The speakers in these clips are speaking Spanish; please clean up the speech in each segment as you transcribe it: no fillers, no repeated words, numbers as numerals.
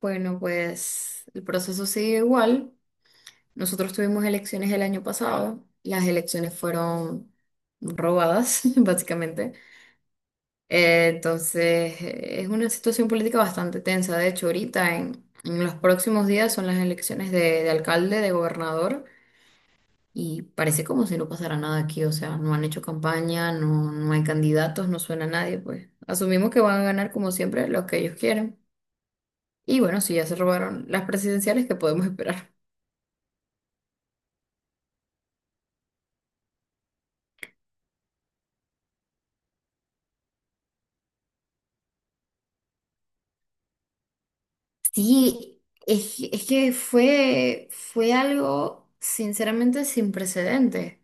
Bueno, pues el proceso sigue igual. Nosotros tuvimos elecciones el año pasado. Las elecciones fueron robadas, básicamente. Entonces es una situación política bastante tensa. De hecho, ahorita en los próximos días son las elecciones de alcalde, de gobernador, y parece como si no pasara nada aquí. O sea, no han hecho campaña, no hay candidatos, no suena nadie. Pues asumimos que van a ganar, como siempre, los que ellos quieren. Y bueno, si ya se robaron las presidenciales, ¿qué podemos esperar? Sí, es que fue algo sinceramente sin precedentes.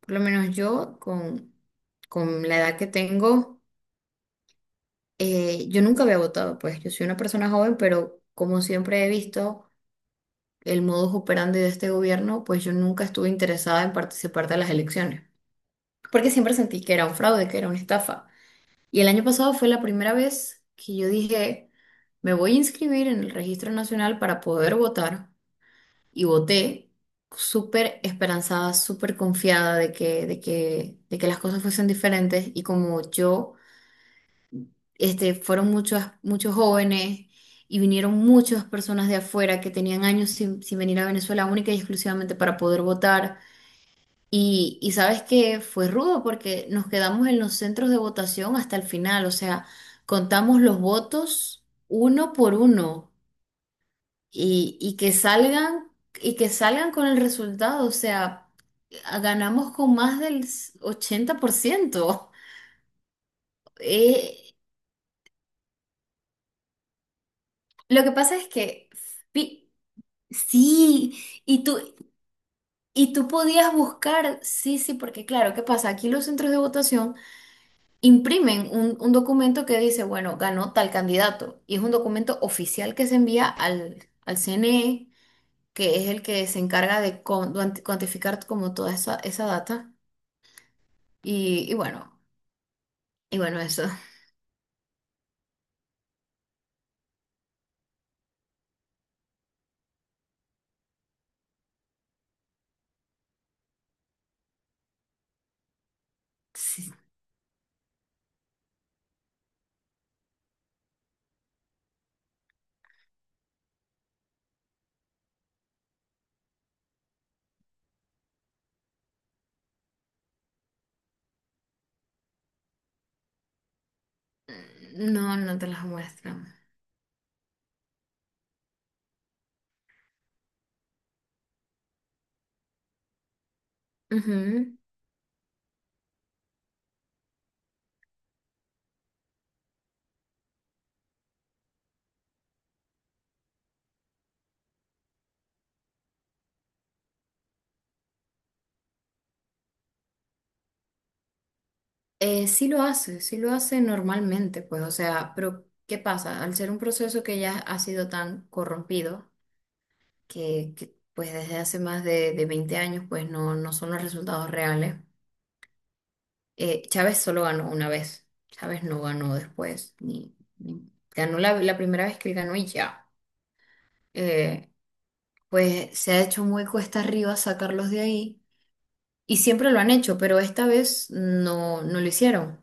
Por lo menos yo, con la edad que tengo, yo nunca había votado, pues yo soy una persona joven, pero como siempre he visto el modus operandi de este gobierno, pues yo nunca estuve interesada en participar de las elecciones, porque siempre sentí que era un fraude, que era una estafa. Y el año pasado fue la primera vez que yo dije, me voy a inscribir en el Registro Nacional para poder votar y voté súper esperanzada, súper confiada de que, de que las cosas fuesen diferentes y como yo, este, fueron muchos, muchos jóvenes y vinieron muchas personas de afuera que tenían años sin venir a Venezuela única y exclusivamente para poder votar. Y sabes que fue rudo porque nos quedamos en los centros de votación hasta el final, o sea, contamos los votos uno por uno y, y que salgan y que salgan con el resultado, o sea, ganamos con más del 80%. Eh, lo que pasa es que fi- sí, y tú y tú podías buscar, sí, sí, porque claro, ¿qué pasa? Aquí los centros de votación imprimen un documento que dice, bueno, ganó tal candidato, y es un documento oficial que se envía al CNE, que es el que se encarga de cuantificar como toda esa, esa data. Y, y bueno, y bueno, eso. Sí. No, no te las muestran. Ujú. Sí lo hace normalmente, pues, o sea, pero ¿qué pasa? Al ser un proceso que ya ha sido tan corrompido, que, pues desde hace más de 20 años, pues no, no son los resultados reales. Chávez solo ganó una vez, Chávez no ganó después, ganó la primera vez que él ganó y ya. Eh, pues se ha hecho muy cuesta arriba sacarlos de ahí. Y siempre lo han hecho, pero esta vez no, no lo hicieron.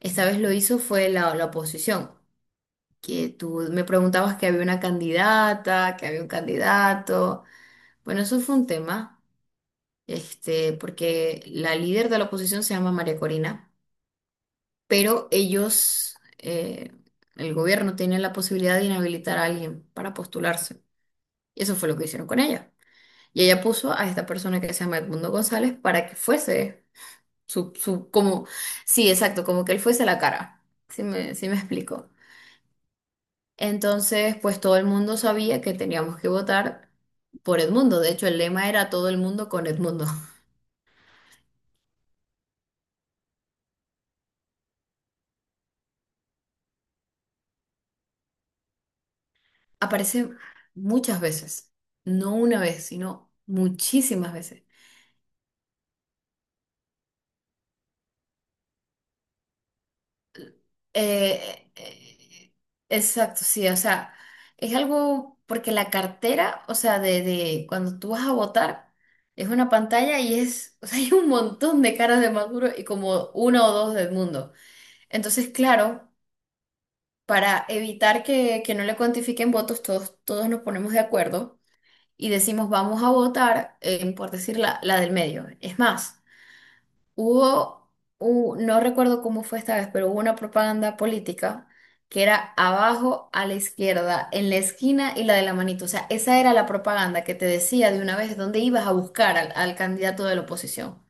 Esta vez lo hizo fue la oposición, que tú me preguntabas que había una candidata, que había un candidato. Bueno, eso fue un tema, este, porque la líder de la oposición se llama María Corina, pero ellos, el gobierno tiene la posibilidad de inhabilitar a alguien para postularse. Y eso fue lo que hicieron con ella. Y ella puso a esta persona que se llama Edmundo González para que fuese. Su, como, sí, exacto, como que él fuese la cara. Sí me explico. Entonces, pues todo el mundo sabía que teníamos que votar por Edmundo. De hecho, el lema era todo el mundo con Edmundo. Aparece muchas veces, no una vez, sino muchísimas veces. Eh, eh, exacto, sí, o sea, es algo porque la cartera, o sea, de cuando tú vas a votar, es una pantalla y es, o sea, hay un montón de caras de Maduro y como una o dos del mundo. Entonces, claro, para evitar que no le cuantifiquen votos, todos nos ponemos de acuerdo y decimos, vamos a votar, por decir la del medio. Es más. Hubo, no recuerdo cómo fue esta vez, pero hubo una propaganda política que era abajo a la izquierda, en la esquina y la de la manito. O sea, esa era la propaganda que te decía de una vez dónde ibas a buscar al candidato de la oposición.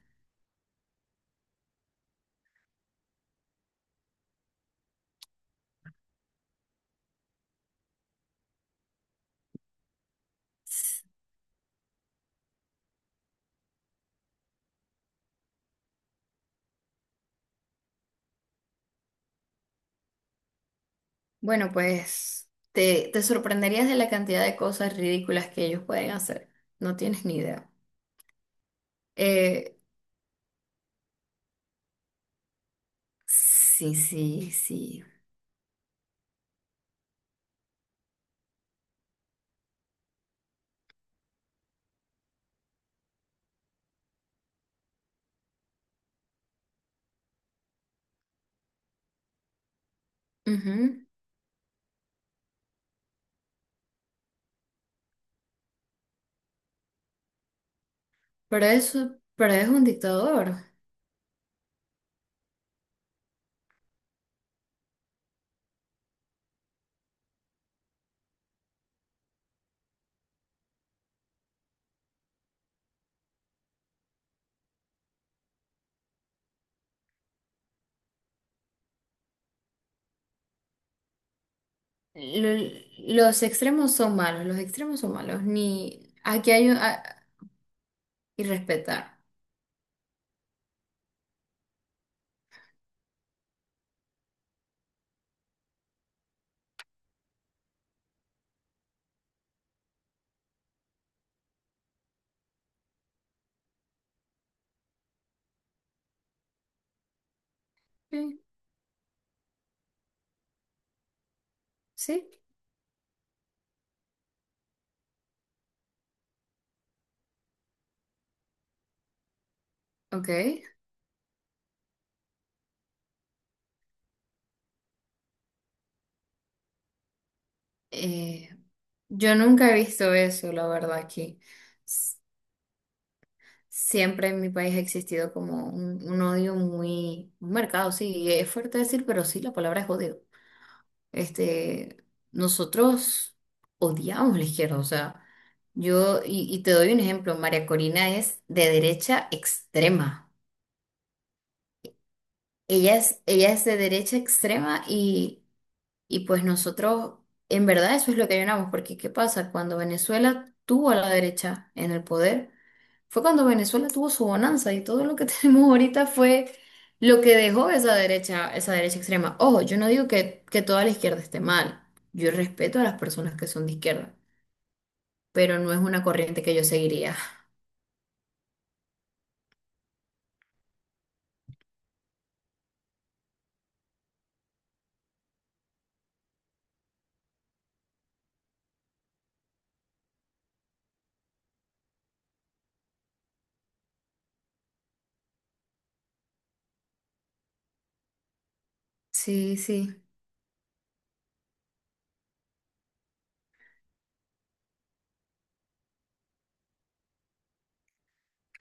Bueno, pues te sorprenderías de la cantidad de cosas ridículas que ellos pueden hacer. No tienes ni idea. Eh, sí, sí, sí. Ujú. Pero eso, pero es un dictador. Lo- Los extremos son malos, los extremos son malos. Ni aquí hay y respetar. Sí, sí, ok. Eh, yo nunca he visto eso, la verdad, aquí. S- Siempre en mi país ha existido como un odio muy marcado, sí, y es fuerte decir, pero sí, la palabra es odio. Este, nosotros odiamos la izquierda, o sea, yo, y te doy un ejemplo, María Corina es de derecha extrema. Ella es de derecha extrema y pues nosotros, en verdad, eso es lo que llenamos, porque ¿qué pasa? Cuando Venezuela tuvo a la derecha en el poder, fue cuando Venezuela tuvo su bonanza y todo lo que tenemos ahorita fue lo que dejó esa derecha extrema. Ojo, yo no digo que toda la izquierda esté mal, yo respeto a las personas que son de izquierda, pero no es una corriente que yo seguiría. Sí, sí.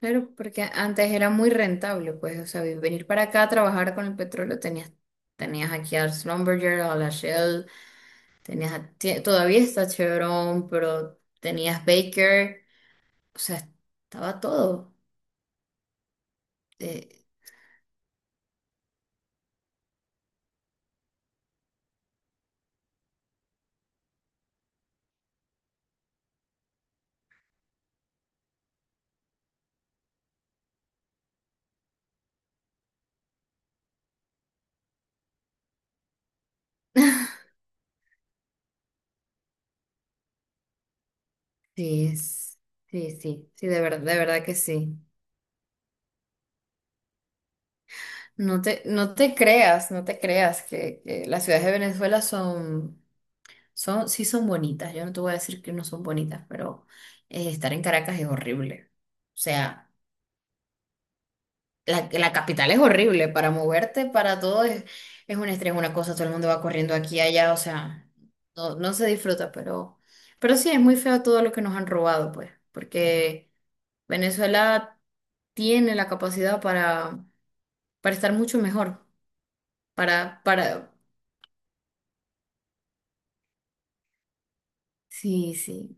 Claro, porque antes era muy rentable, pues, o sea, venir para acá a trabajar con el petróleo, tenías, tenías aquí a Schlumberger, a la Shell, tenías todavía está Chevron, pero tenías Baker, o sea, estaba todo. Eh, sí, sí, sí, sí, de verdad que sí. No te creas, no te creas que las ciudades de Venezuela son, son, sí son bonitas. Yo no te voy a decir que no son bonitas, pero estar en Caracas es horrible. O sea. La capital es horrible para moverte, para todo es un estrés, una cosa, todo el mundo va corriendo aquí y allá, o sea, no, no se disfruta, pero sí, es muy feo todo lo que nos han robado, pues, porque Venezuela tiene la capacidad para estar mucho mejor, para, para, sí, sí,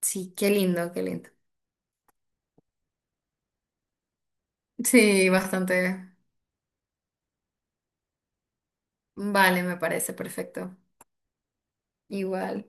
sí, qué lindo, qué lindo. Sí, bastante. Vale, me parece perfecto. Igual.